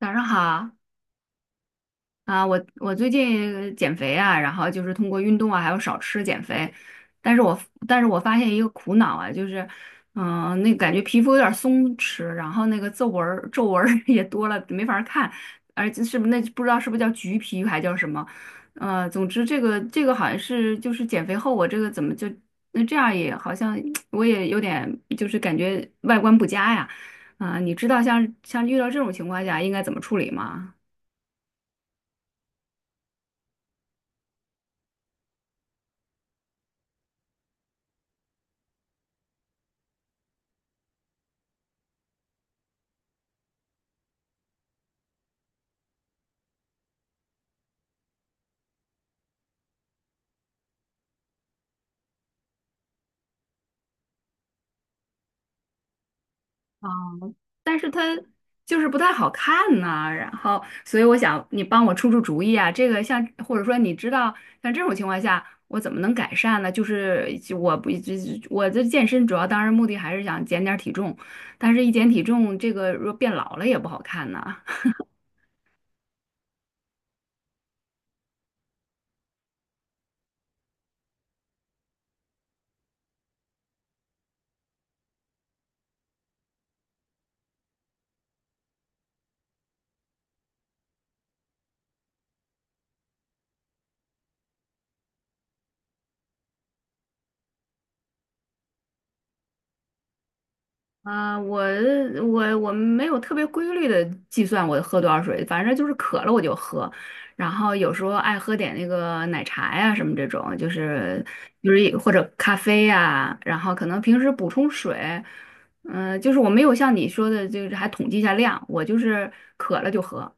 早上好啊。我最近减肥啊，然后就是通过运动啊，还有少吃减肥，但是我但是我发现一个苦恼啊，就是，那感觉皮肤有点松弛，然后那个皱纹儿 也多了，没法儿看。而且是不是那不知道是不是叫橘皮还叫什么，总之这个好像是就是减肥后我这个怎么就那这样也好像 我也有点就是感觉外观不佳呀。啊，你知道像遇到这种情况下应该怎么处理吗？啊。但是它就是不太好看呐，然后，所以我想你帮我出出主意啊。这个像或者说你知道像这种情况下，我怎么能改善呢？就是就我不就我这健身主要当然目的还是想减点儿体重，但是一减体重，这个若变老了也不好看呐。啊，我没有特别规律的计算我喝多少水，反正就是渴了我就喝。然后有时候爱喝点那个奶茶呀什么这种，就是或者咖啡呀，然后可能平时补充水。就是我没有像你说的，就是还统计一下量，我就是渴了就喝。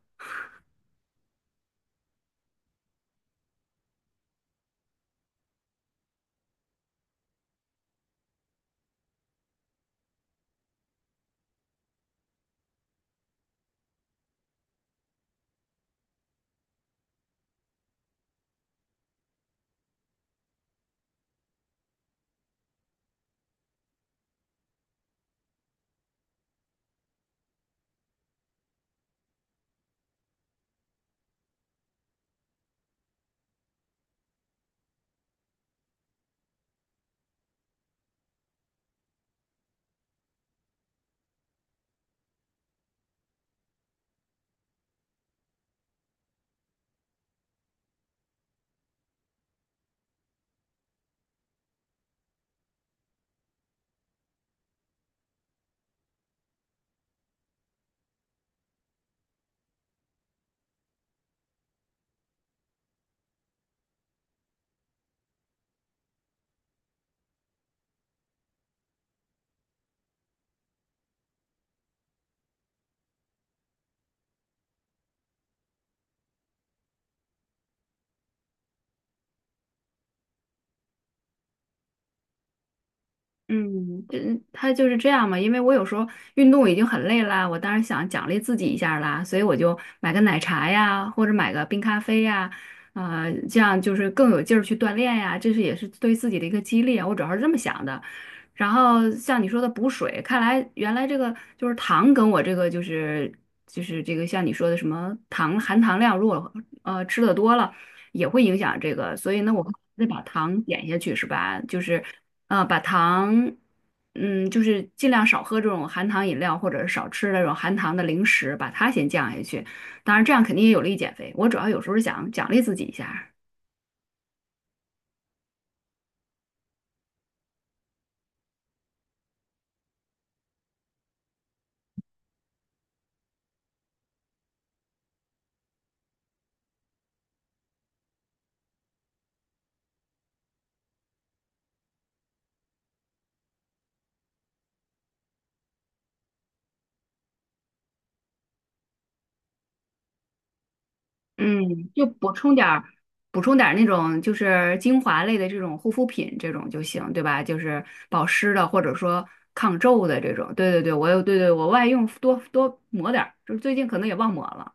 嗯，这他就是这样嘛，因为我有时候运动已经很累啦，我当然想奖励自己一下儿啦，所以我就买个奶茶呀，或者买个冰咖啡呀。这样就是更有劲儿去锻炼呀，这是也是对自己的一个激励啊，我主要是这么想的。然后像你说的补水，看来原来这个就是糖跟我这个就是这个像你说的什么糖含糖量，如果吃的多了也会影响这个，所以呢我得把糖减下去是吧？就是。啊，把糖，就是尽量少喝这种含糖饮料，或者是少吃那种含糖的零食，把它先降下去。当然，这样肯定也有利于减肥。我主要有时候是想奖励自己一下。嗯，就补充点儿那种就是精华类的这种护肤品这种就行，对吧？就是保湿的，或者说抗皱的这种。对对对，我有，对对，我外用多多抹点儿就是最近可能也忘抹了。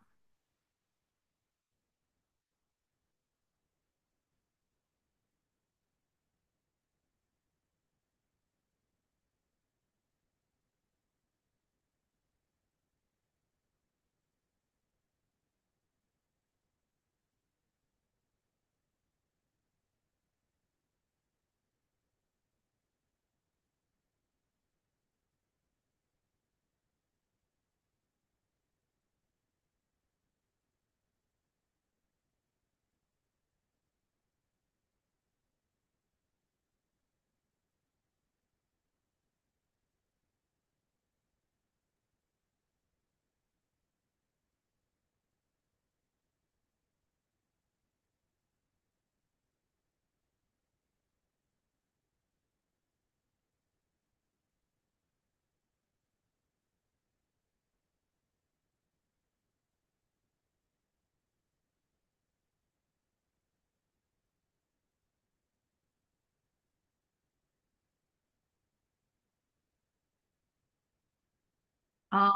哦，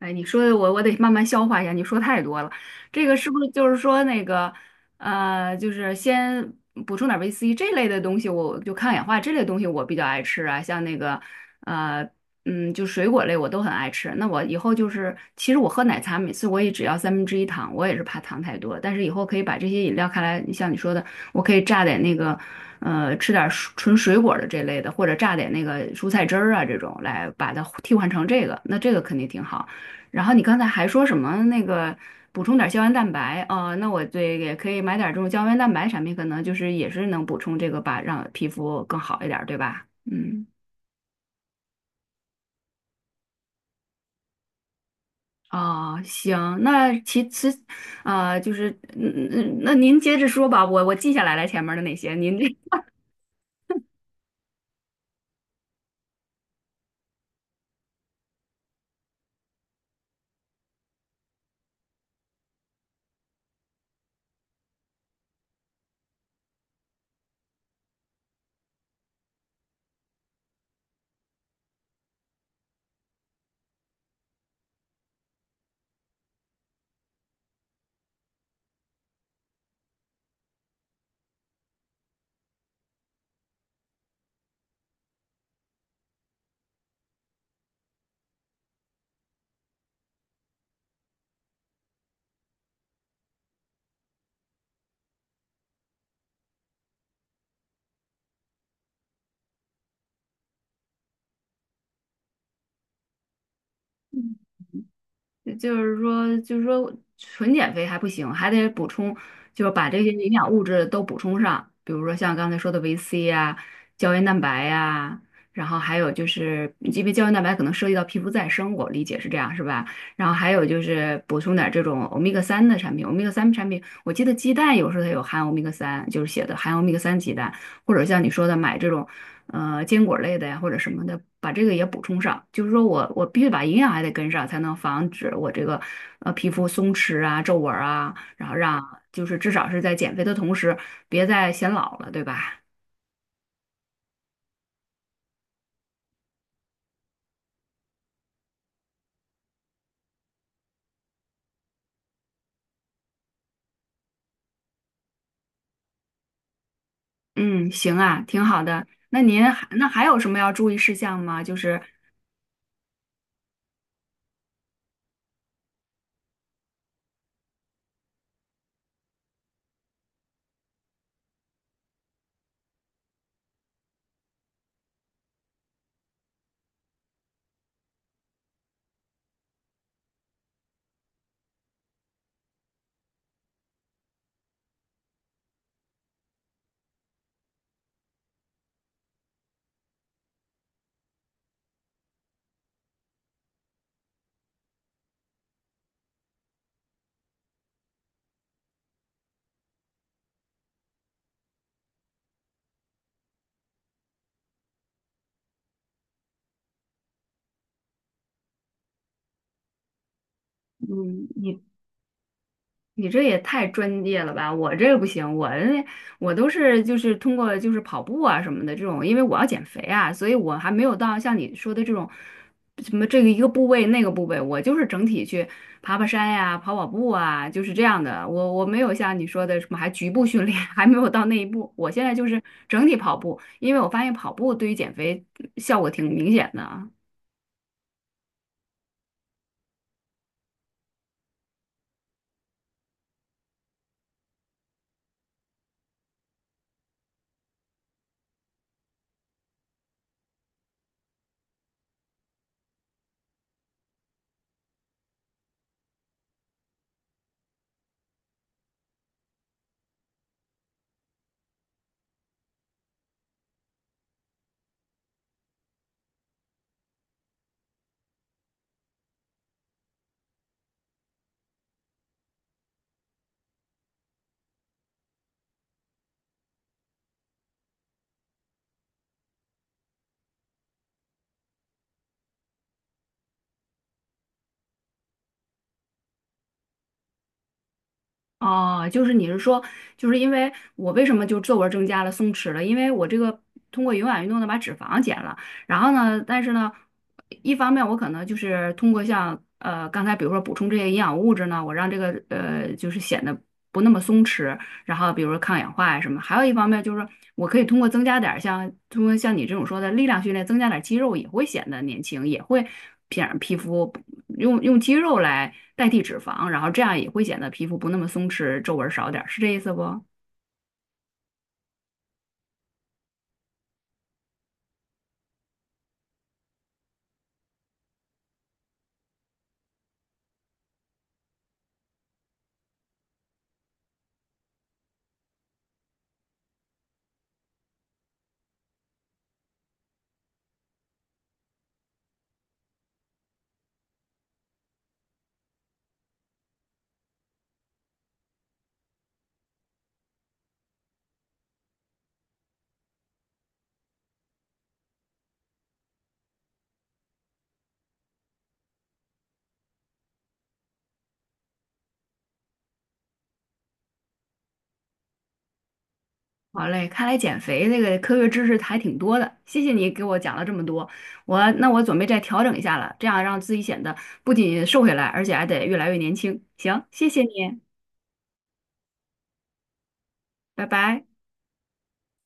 哎，你说的我得慢慢消化一下，你说太多了。这个是不是就是说那个就是先补充点维 C 这类的东西，我就抗氧化这类东西我比较爱吃啊。像那个呃就水果类我都很爱吃。那我以后就是，其实我喝奶茶每次我也只要三分之一糖，我也是怕糖太多。但是以后可以把这些饮料看来，像你说的，我可以榨点那个，吃点纯水果的这类的，或者榨点那个蔬菜汁儿啊这种，来把它替换成这个，那这个肯定挺好。然后你刚才还说什么那个补充点胶原蛋白哦。那我对也可以买点这种胶原蛋白产品，可能就是也是能补充这个吧，让皮肤更好一点儿对吧？嗯。哦，行。那其其啊、就是嗯嗯，那您接着说吧，我记下来了前面的那些，您 这就是说，纯减肥还不行，还得补充，就是把这些营养物质都补充上，比如说像刚才说的维 C 呀、胶原蛋白呀、然后还有就是，因为胶原蛋白可能涉及到皮肤再生，我理解是这样，是吧？然后还有就是补充点这种欧米伽三的产品，欧米伽三产品，我记得鸡蛋有时候它有含欧米伽三，就是写的含欧米伽三鸡蛋，或者像你说的买这种。坚果类的呀或者什么的，把这个也补充上。就是说我我必须把营养还得跟上，才能防止我这个皮肤松弛啊、皱纹儿啊，然后让就是至少是在减肥的同时，别再显老了，对吧？嗯，行啊，挺好的。那您还还有什么要注意事项吗？嗯，你你这也太专业了吧！我这个不行，我都是就是通过就是跑步啊什么的这种，因为我要减肥啊，所以我还没有到像你说的这种什么这个一个部位那个部位，我就是整体去爬爬山呀、跑跑步啊，就是这样的。我没有像你说的什么还局部训练，还没有到那一步。我现在就是整体跑步，因为我发现跑步对于减肥效果挺明显的啊。哦，就是你是说，就是因为我为什么就皱纹儿增加了、松弛了？因为我这个通过有氧运动呢把脂肪减了，然后呢，但是呢，一方面我可能就是通过像刚才比如说补充这些营养物质呢，我让这个就是显得不那么松弛，然后比如说抗氧化呀什么，还有一方面就是说我可以通过增加点儿像通过像你这种说的力量训练，增加点儿肌肉也会显得年轻，也会皮肤。用肌肉来代替脂肪，然后这样也会显得皮肤不那么松弛，皱纹少点儿，是这意思不？好嘞，看来减肥这个科学知识还挺多的，谢谢你给我讲了这么多，那我准备再调整一下了，这样让自己显得不仅瘦下来，而且还得越来越年轻。行，谢谢你，拜拜。